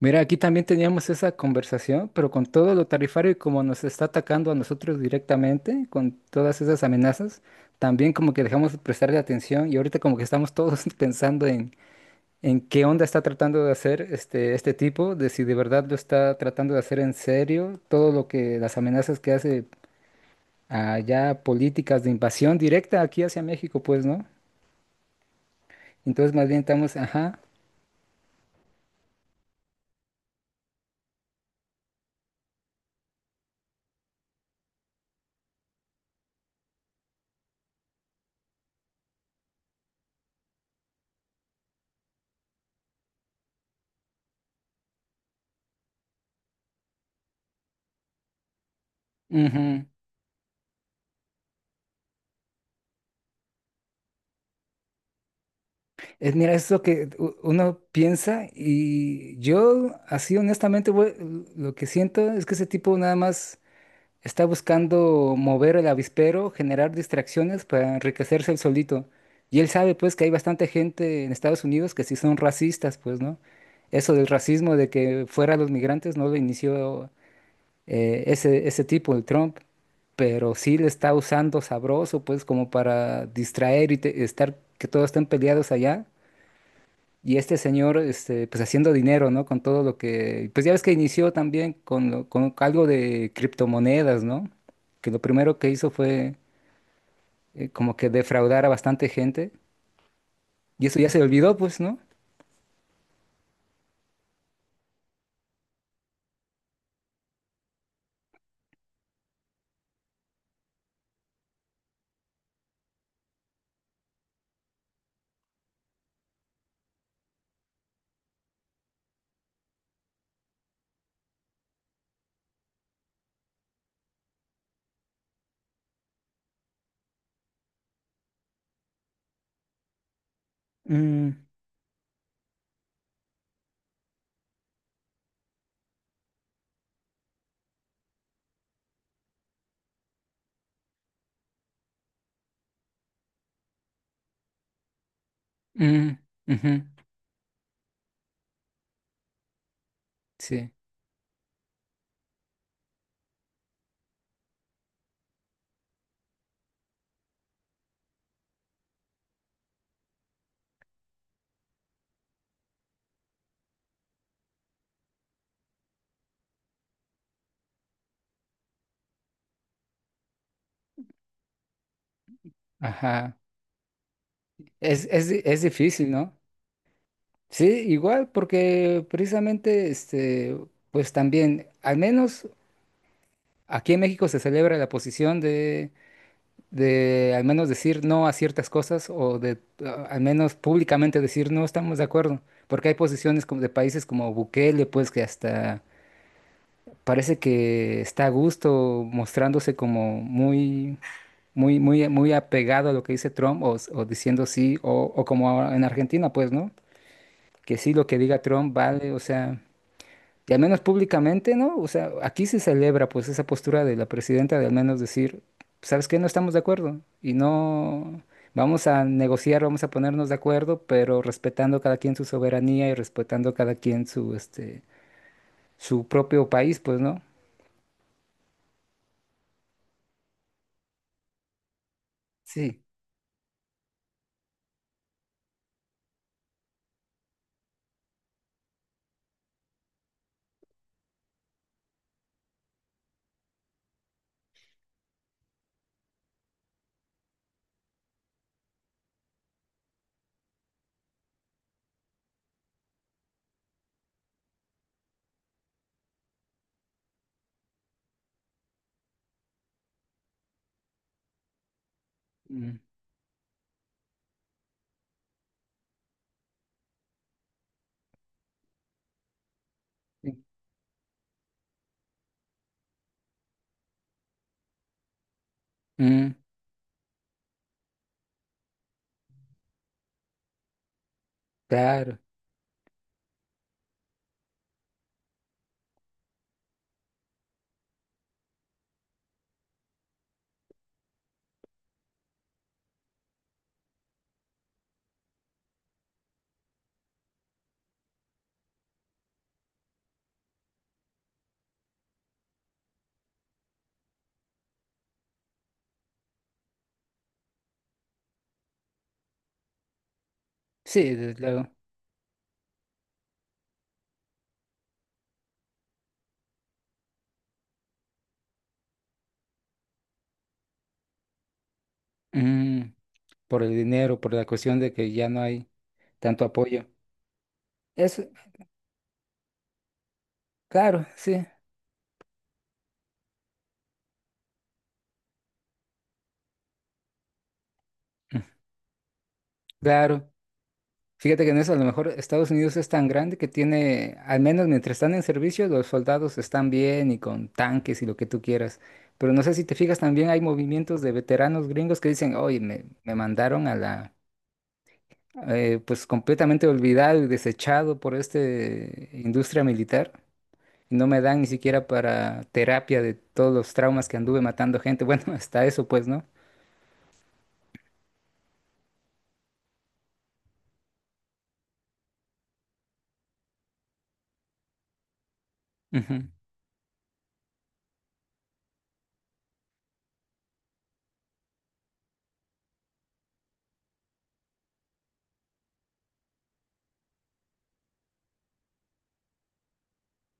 Mira, aquí también teníamos esa conversación, pero con todo lo tarifario y como nos está atacando a nosotros directamente, con todas esas amenazas, también como que dejamos de prestarle atención y ahorita como que estamos todos pensando en qué onda está tratando de hacer este tipo, de si de verdad lo está tratando de hacer en serio, todo lo que las amenazas que hace allá, políticas de invasión directa aquí hacia México, pues, ¿no? Entonces más bien estamos, ajá, ujú. Mira, es lo que uno piensa y yo así honestamente, güey, lo que siento es que ese tipo nada más está buscando mover el avispero, generar distracciones para enriquecerse él solito. Y él sabe pues que hay bastante gente en Estados Unidos que sí son racistas, pues, ¿no? Eso del racismo de que fuera los migrantes no lo inició ese tipo, el Trump, pero sí le está usando sabroso pues como para distraer y estar que todos estén peleados allá y este señor, este, pues haciendo dinero, ¿no? Con todo lo que, pues ya ves que inició también con, con algo de criptomonedas, ¿no? Que lo primero que hizo fue como que defraudar a bastante gente. Y eso ya se olvidó, pues, ¿no? Mm, mm, ujú, sí, ajá. Es difícil, ¿no? Sí, igual, porque precisamente, este, pues también, al menos aquí en México se celebra la posición de al menos decir no a ciertas cosas o de al menos públicamente decir no estamos de acuerdo, porque hay posiciones como de países como Bukele, pues que hasta parece que está a gusto mostrándose como muy muy muy apegado a lo que dice Trump o, o diciendo sí o como ahora en Argentina, pues, ¿no? Que sí lo que diga Trump vale, o sea, y al menos públicamente, ¿no? O sea, aquí se celebra pues esa postura de la presidenta de al menos decir, ¿sabes qué? No estamos de acuerdo y no vamos a negociar, vamos a ponernos de acuerdo, pero respetando cada quien su soberanía y respetando cada quien su este su propio país, pues, ¿no? Sí. Mm, sí. Mm, claro. Sí, desde luego. Mm, por el dinero, por la cuestión de que ya no hay tanto apoyo. Eso, claro, sí. Mm, claro. Fíjate que en eso a lo mejor Estados Unidos es tan grande que tiene, al menos mientras están en servicio, los soldados están bien y con tanques y lo que tú quieras. Pero no sé si te fijas, también hay movimientos de veteranos gringos que dicen, oye, me mandaron a la, pues completamente olvidado y desechado por esta industria militar. Y no me dan ni siquiera para terapia de todos los traumas que anduve matando gente. Bueno, hasta eso pues, ¿no? Ujú,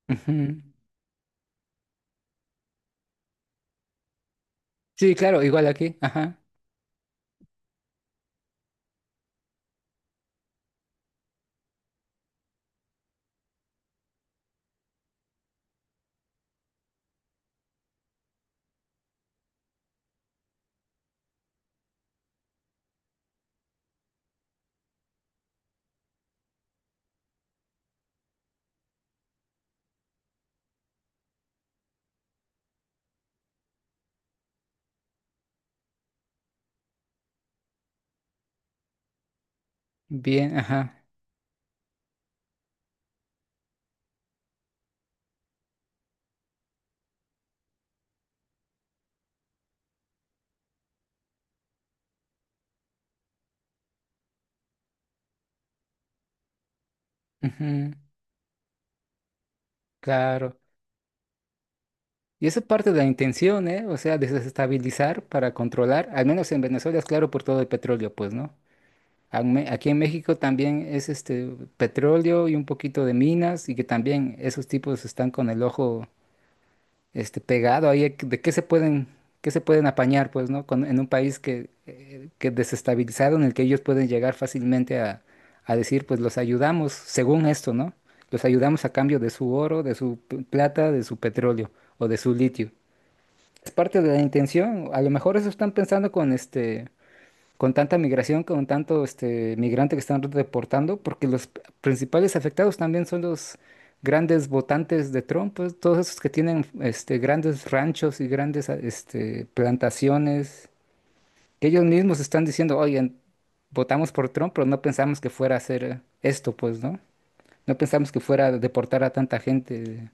ujú. Sí, claro, igual aquí. Ajá. Bien, ajá. Ujú, claro. Y eso es parte de la intención, ¿eh? O sea, desestabilizar para controlar, al menos en Venezuela es claro por todo el petróleo, pues, ¿no? Aquí en México también es este petróleo y un poquito de minas y que también esos tipos están con el ojo este pegado ahí de qué se pueden apañar, pues, ¿no? En un país que desestabilizado, en el que ellos pueden llegar fácilmente a decir, pues los ayudamos según esto, ¿no? Los ayudamos a cambio de su oro, de su plata, de su petróleo o de su litio. Es parte de la intención. A lo mejor eso están pensando con este, con tanta migración, con tanto este migrante que están reportando, porque los principales afectados también son los grandes votantes de Trump, pues, todos esos que tienen este grandes ranchos y grandes este plantaciones, que ellos mismos están diciendo, oye, votamos por Trump, pero no pensamos que fuera a hacer esto, pues, ¿no? No pensamos que fuera a deportar a tanta gente.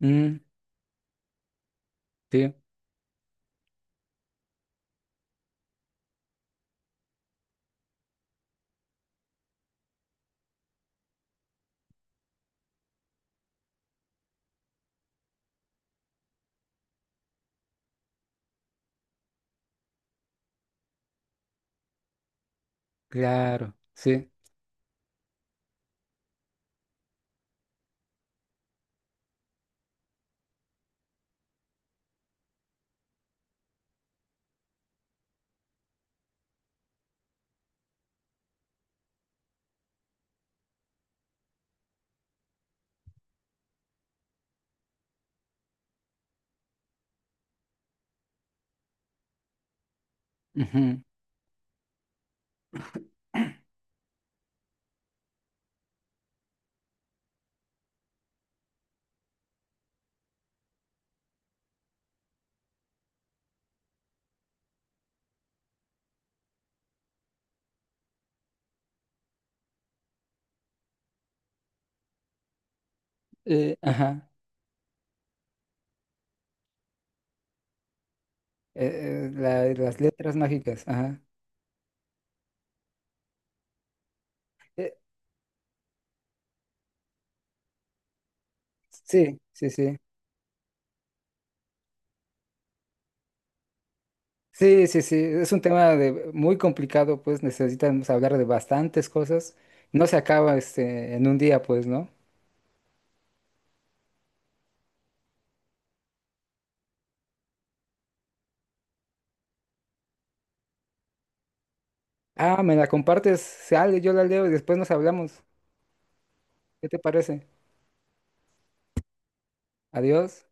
Mm, sí, claro, sí. Ujú, ajá. Las letras mágicas, ajá. Eh, sí, sí, sí. Sí, sí, sí. Es un tema de, muy complicado, pues necesitamos hablar de bastantes cosas. No se acaba este, en un día, pues, ¿no? Ah, me la compartes, sale, yo la leo y después nos hablamos. ¿Qué te parece? Adiós.